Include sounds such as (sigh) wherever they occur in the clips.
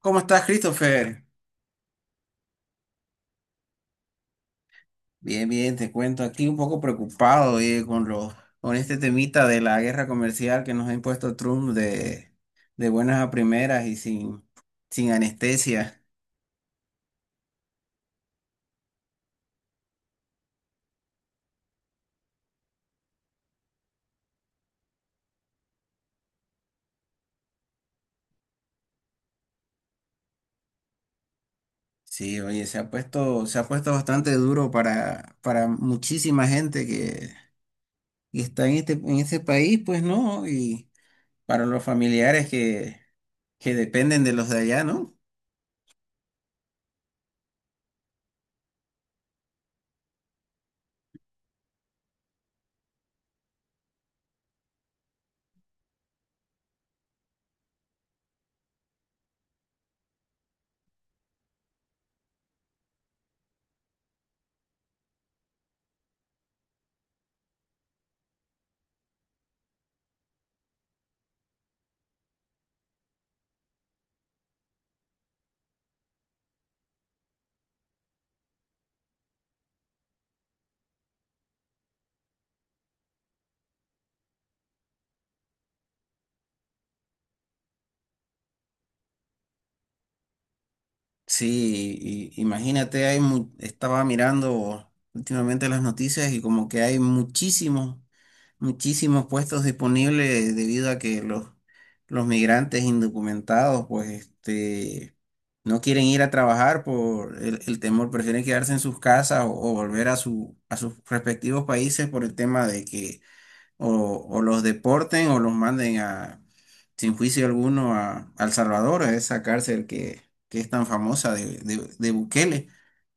¿Cómo estás, Christopher? Bien, bien, te cuento. Aquí un poco preocupado, oye, con este temita de la guerra comercial que nos ha impuesto Trump de buenas a primeras y sin anestesia. Sí, oye, se ha puesto bastante duro para muchísima gente que está en en este país, pues, ¿no? Y para los familiares que dependen de los de allá, ¿no? Sí, imagínate, estaba mirando últimamente las noticias y como que hay muchísimos puestos disponibles debido a los migrantes indocumentados, pues, este, no quieren ir a trabajar por el temor, prefieren quedarse en sus casas o volver a a sus respectivos países por el tema de que o los deporten o los manden a, sin juicio alguno a El Salvador, a esa cárcel que es tan famosa de Bukele,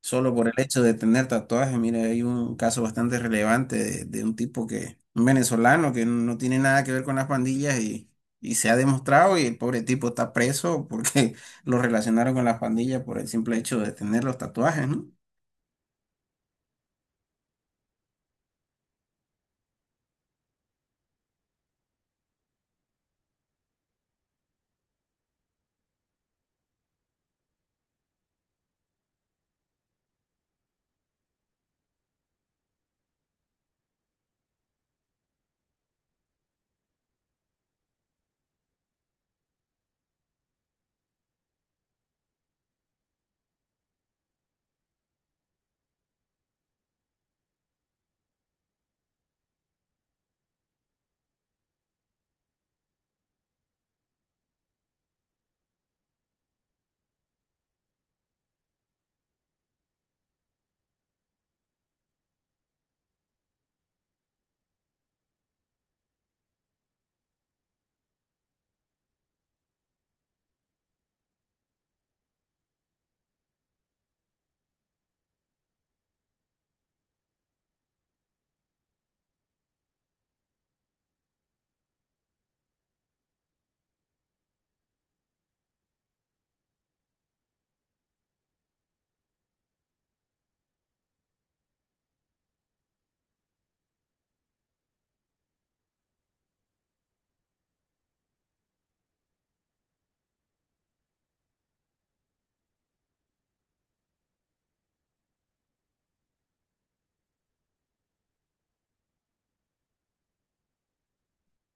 solo por el hecho de tener tatuajes. Mira, hay un caso bastante relevante de un tipo que, un venezolano que no tiene nada que ver con las pandillas y se ha demostrado y el pobre tipo está preso porque (laughs) lo relacionaron con las pandillas por el simple hecho de tener los tatuajes, ¿no?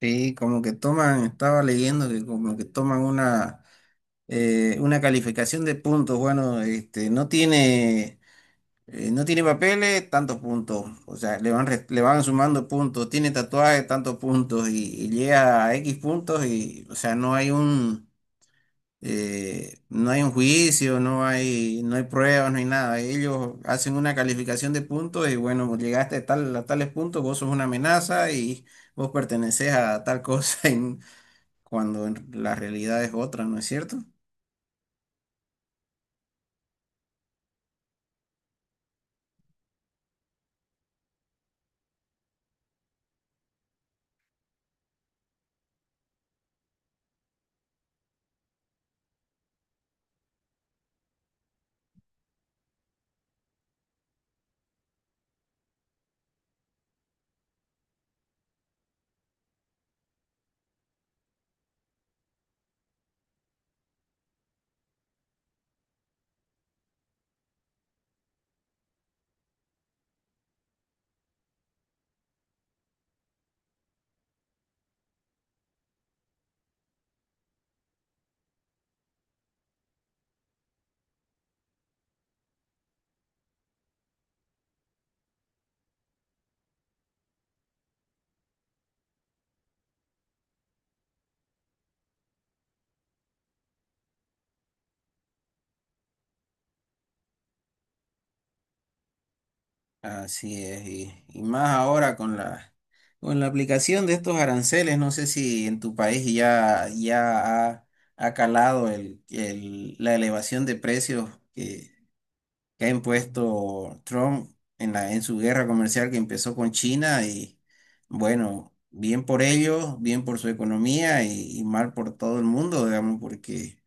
Sí, como que toman, estaba leyendo que como que toman una calificación de puntos. Bueno, este, no tiene papeles, tantos puntos. O sea, le van sumando puntos. Tiene tatuajes, tantos puntos. Y llega a X puntos y, o sea, no hay un juicio, no hay, no hay pruebas, no hay nada. Ellos hacen una calificación de puntos y, bueno, llegaste a tal, a tales puntos, vos sos una amenaza y vos pertenecés a tal cosa. (laughs) Y cuando en la realidad es otra, ¿no es cierto? Así es, y más ahora con la aplicación de estos aranceles, no sé si en tu país ha calado la elevación de precios que, que ha impuesto Trump en en su guerra comercial que empezó con China y bueno, bien por ellos, bien por su economía y mal por todo el mundo, digamos, porque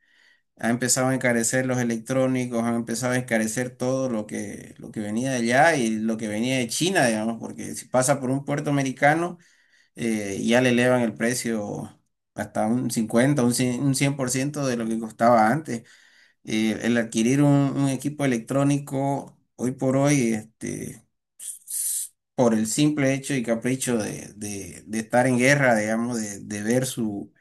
ha empezado a encarecer los electrónicos, han empezado a encarecer todo lo que venía de allá y lo que venía de China, digamos, porque si pasa por un puerto americano, ya le elevan el precio hasta un 50, un 100, un 100% de lo que costaba antes. El adquirir un equipo electrónico hoy por hoy, este, s- por el simple hecho y capricho de estar en guerra, digamos, de ver su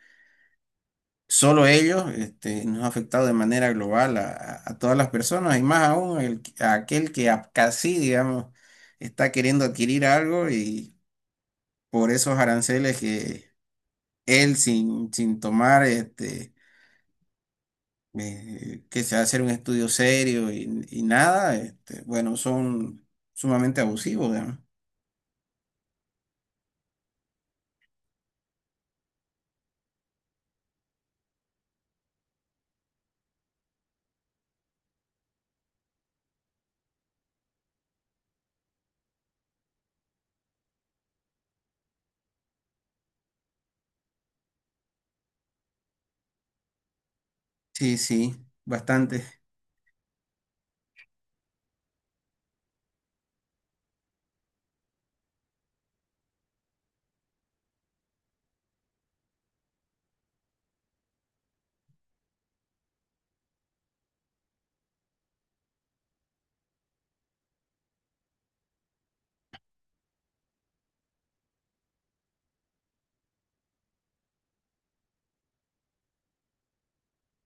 solo ellos, este, nos ha afectado de manera global a, a todas las personas y más aún a aquel que casi, digamos, está queriendo adquirir algo y por esos aranceles que él sin tomar, este, que se hacer un estudio serio y nada, este, bueno, son sumamente abusivos, digamos. Sí, sí, bastante.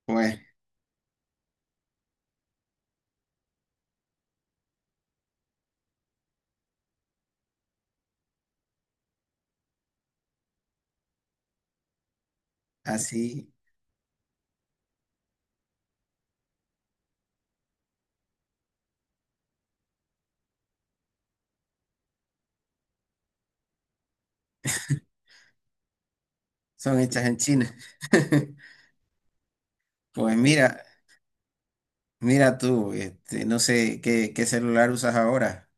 Pues así son hechas en China. (laughs) Pues mira. Mira tú, este, no sé qué, qué celular usas ahora.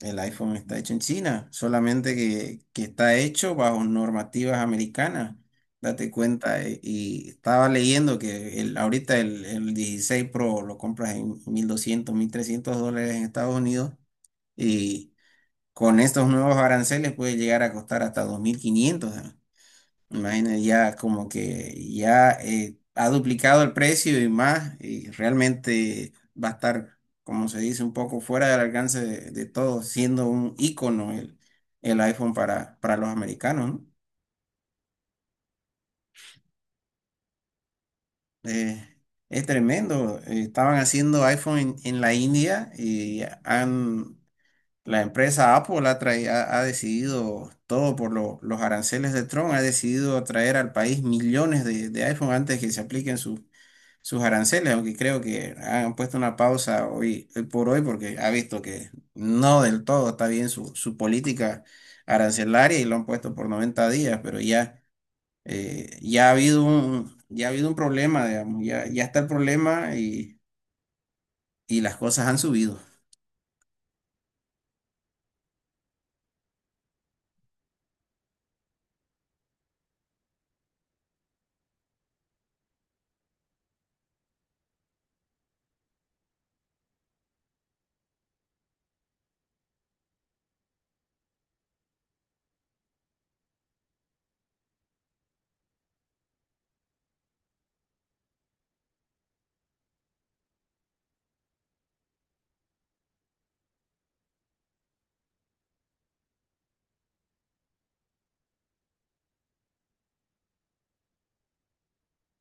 El iPhone está hecho en China, solamente que está hecho bajo normativas americanas. Date cuenta, y estaba leyendo que el 16 Pro lo compras en 1200 $1300 en Estados Unidos y con estos nuevos aranceles puede llegar a costar hasta 2500. ¿Eh? Imagina, ya como que ya ha duplicado el precio y más, y realmente va a estar, como se dice, un poco fuera del alcance de todos, siendo un ícono el iPhone para los americanos, ¿no? Eh, es tremendo. Eh, estaban haciendo iPhone en la India y han, la empresa Apple ha decidido, todo por los aranceles de Trump, ha decidido traer al país millones de iPhone antes que se apliquen sus aranceles, aunque creo que han puesto una pausa hoy, hoy por hoy porque ha visto que no del todo está bien su política arancelaria y lo han puesto por 90 días, pero ya, ya ha habido un problema, digamos, ya, ya está el problema y las cosas han subido.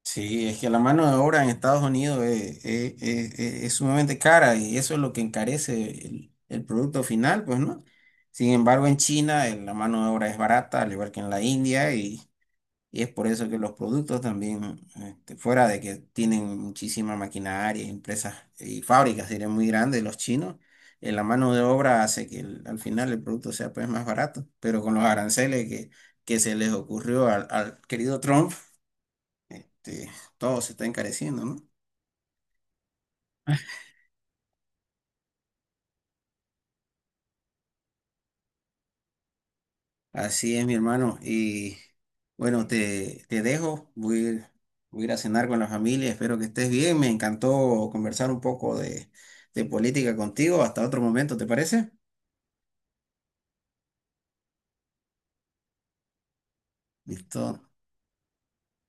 Sí, es que la mano de obra en Estados Unidos es sumamente cara y eso es lo que encarece el producto final, pues, ¿no? Sin embargo, en China la mano de obra es barata, al igual que en la India, y es por eso que los productos también, este, fuera de que tienen muchísima maquinaria, empresas y fábricas, serían muy grandes los chinos, la mano de obra hace que al final el producto sea pues más barato. Pero con los aranceles que se les ocurrió al querido Trump, este, todo se está encareciendo, ¿no? Así es, mi hermano. Y bueno, te dejo, voy a ir a cenar con la familia, espero que estés bien. Me encantó conversar un poco de política contigo. Hasta otro momento, ¿te parece? ¿Listo?